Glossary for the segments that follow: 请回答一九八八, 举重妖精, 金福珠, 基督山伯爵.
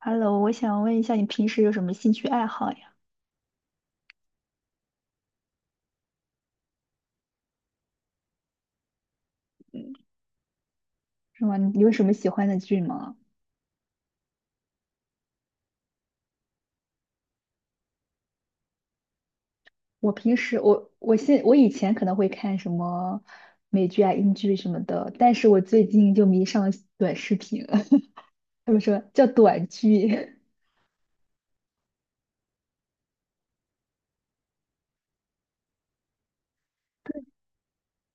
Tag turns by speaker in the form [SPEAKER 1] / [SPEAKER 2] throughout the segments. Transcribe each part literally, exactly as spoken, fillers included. [SPEAKER 1] Hello，我想问一下，你平时有什么兴趣爱好呀？是吗？你有什么喜欢的剧吗？我平时，我我现我以前可能会看什么美剧啊、英剧什么的，但是我最近就迷上了短视频了 他们说叫短剧，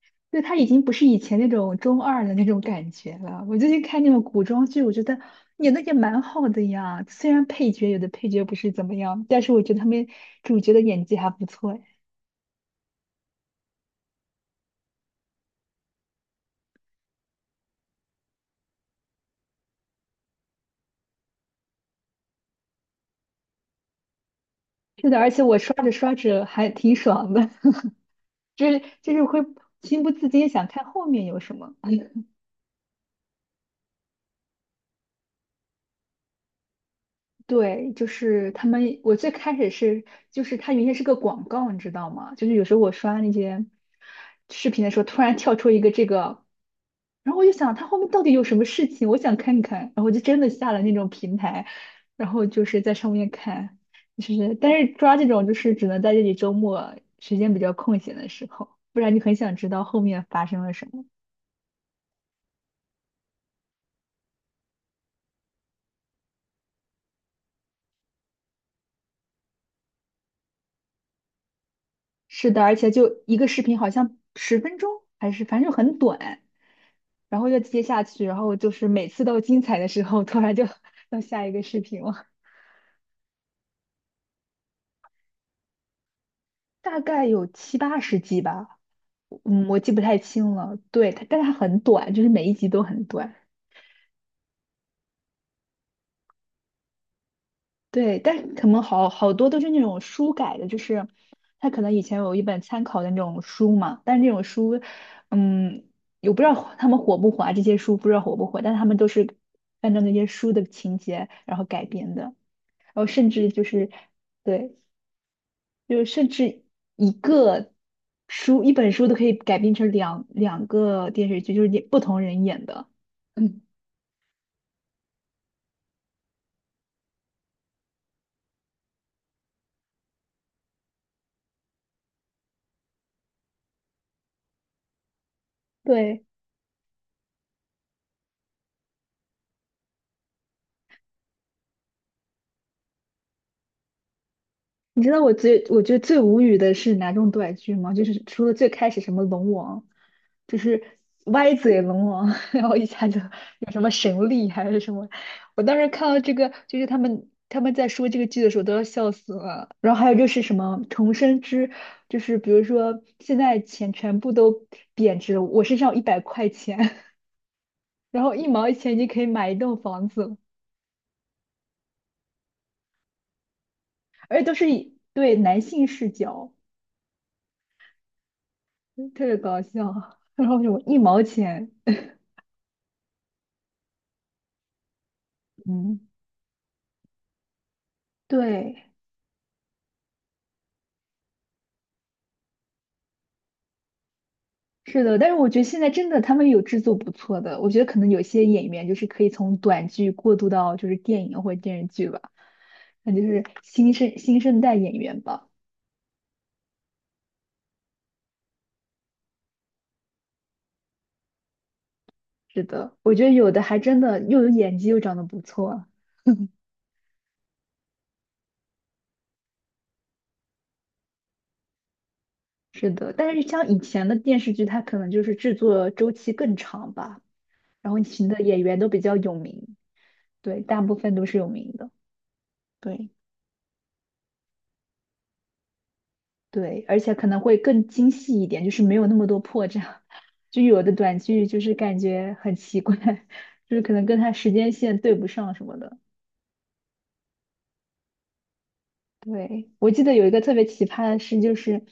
[SPEAKER 1] 对，它已经不是以前那种中二的那种感觉了。我最近看那种古装剧，我觉得演的也蛮好的呀。虽然配角有的配角不是怎么样，但是我觉得他们主角的演技还不错哎。是的，而且我刷着刷着还挺爽的。就是就是会情不自禁想看后面有什么。对，就是他们，我最开始是，就是它原先是个广告，你知道吗？就是有时候我刷那些视频的时候，突然跳出一个这个，然后我就想它后面到底有什么事情，我想看看，然后我就真的下了那种平台，然后就是在上面看，就是但是抓这种就是只能在这里周末时间比较空闲的时候，不然你很想知道后面发生了什么。是的，而且就一个视频，好像十分钟还是反正就很短，然后就接下去，然后就是每次都精彩的时候，突然就 到下一个视频了，大概有七八十集吧，嗯，我记不太清了。对，它，但它很短，就是每一集都很短。对，但可能好好多都是那种书改的，就是他可能以前有一本参考的那种书嘛，但是那种书，嗯，我不知道火他们火不火啊，这些书不知道火不火，但他们都是按照那些书的情节然后改编的，然后甚至就是对，就是甚至一个书一本书都可以改编成两两个电视剧，就是也不同人演的，嗯，对。你知道我最我觉得最无语的是哪种短剧吗？就是除了最开始什么龙王，就是歪嘴龙王，然后一下就有什么神力还是什么，我当时看到这个，就是他们他们在说这个剧的时候都要笑死了。然后还有就是什么重生之，就是比如说现在钱全部都贬值了，我身上有一百块钱，然后一毛钱就可以买一栋房子了，而且都是以对男性视角。特别搞笑，然后有一毛钱，嗯，对，是的，但是我觉得现在真的他们有制作不错的，我觉得可能有些演员就是可以从短剧过渡到就是电影或者电视剧吧，那就是新生新生代演员吧，是的，我觉得有的还真的又有演技又长得不错，是的，但是像以前的电视剧，它可能就是制作周期更长吧，然后请的演员都比较有名，对，大部分都是有名的，对。对，而且可能会更精细一点，就是没有那么多破绽。就有的短剧就是感觉很奇怪，就是可能跟它时间线对不上什么的。对，我记得有一个特别奇葩的事，就是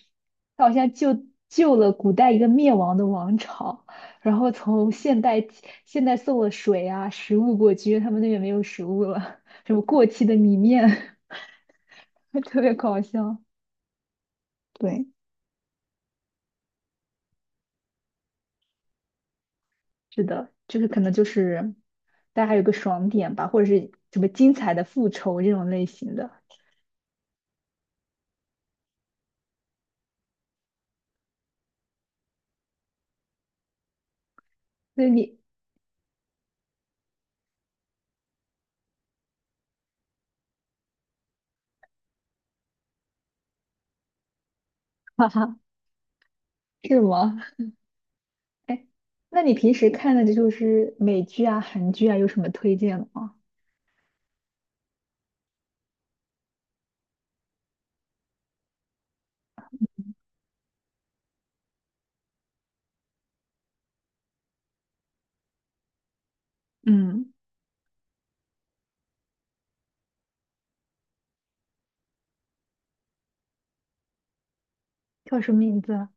[SPEAKER 1] 他好像救救了古代一个灭亡的王朝，然后从现代现代送了水啊、食物过去，因为他们那边没有食物了，什么过期的米面，特别搞笑。对。是的，就是可能就是大家有个爽点吧，或者是什么精彩的复仇这种类型的。那你，哈哈，是吗？哎，那你平时看的这就是美剧啊、韩剧啊，有什么推荐的吗？嗯，叫什么名字啊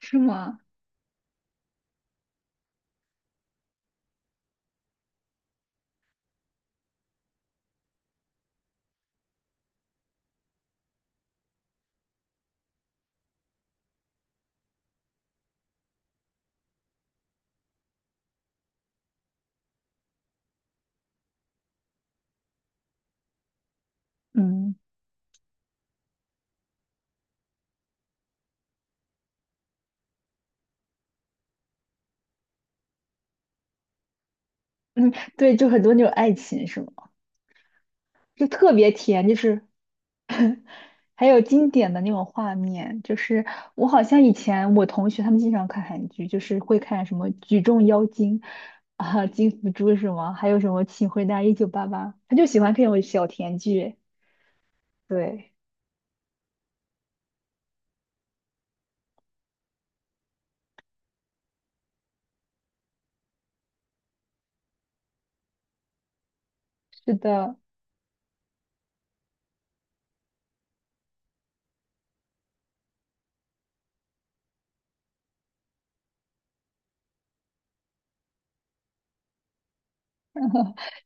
[SPEAKER 1] 是吗？嗯嗯，对，就很多那种爱情是吗？就特别甜，就是 还有经典的那种画面，就是我好像以前我同学他们经常看韩剧，就是会看什么《举重妖精》啊，《金福珠》什么，还有什么《请回答一九八八》，他就喜欢这种小甜剧。对，是的，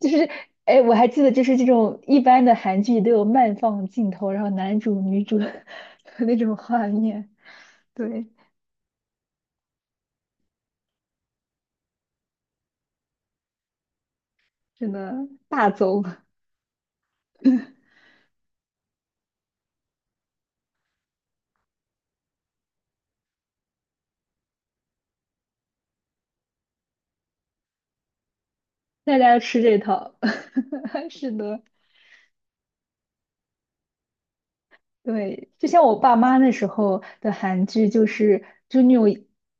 [SPEAKER 1] 就是哎，我还记得就是这种一般的韩剧都有慢放镜头，然后男主女主 那种画面，对，真的大走。大家吃这套，是的，对，就像我爸妈那时候的韩剧，就是就那种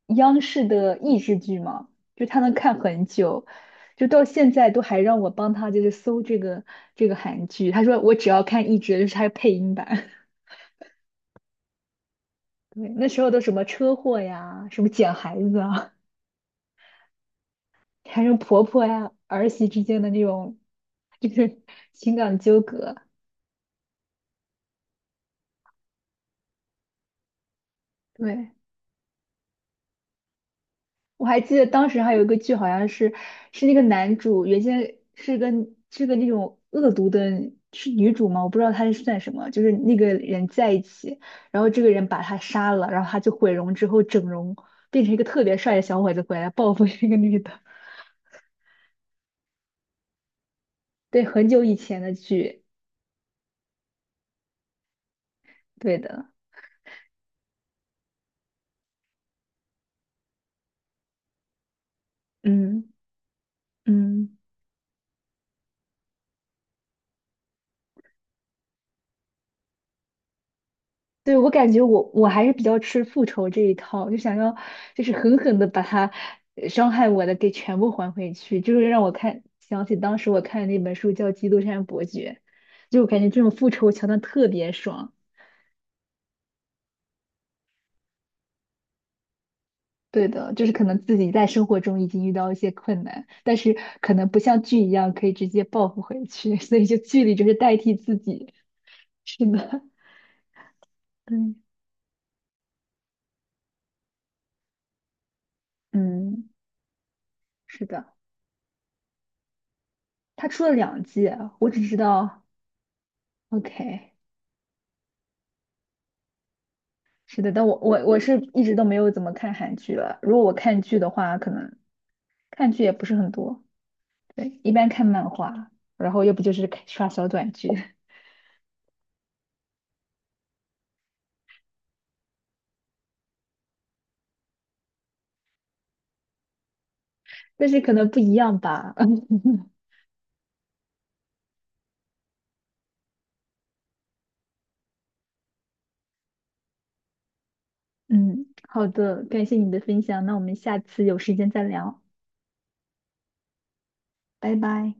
[SPEAKER 1] 央视的益智剧嘛，就他能看很久，就到现在都还让我帮他就是搜这个这个韩剧，他说我只要看益智的就是他配音版。对，那时候都什么车祸呀，什么捡孩子啊，还有婆婆呀、儿媳之间的那种 就是情感纠葛，对。我还记得当时还有一个剧，好像是是那个男主原先是个是个那种恶毒的，是女主吗？我不知道他是算什么，就是那个人在一起，然后这个人把他杀了，然后他就毁容之后整容，变成一个特别帅的小伙子回来报复这个女的。对，很久以前的剧，对的，嗯嗯。对，我感觉我我还是比较吃复仇这一套，就想要就是狠狠的把他呃伤害我的给全部还回去，就是让我看想起当时我看的那本书叫《基督山伯爵》，就我感觉这种复仇桥段特别爽。对的，就是可能自己在生活中已经遇到一些困难，但是可能不像剧一样可以直接报复回去，所以就剧里就是代替自己。是的，对，嗯，是的，他出了两季啊，我只知道，OK。是的，但我我我是一直都没有怎么看韩剧了。如果我看剧的话，可能看剧也不是很多，对，一般看漫画，然后要不就是看刷小短剧，但是可能不一样吧。嗯，好的，感谢你的分享，那我们下次有时间再聊，拜拜。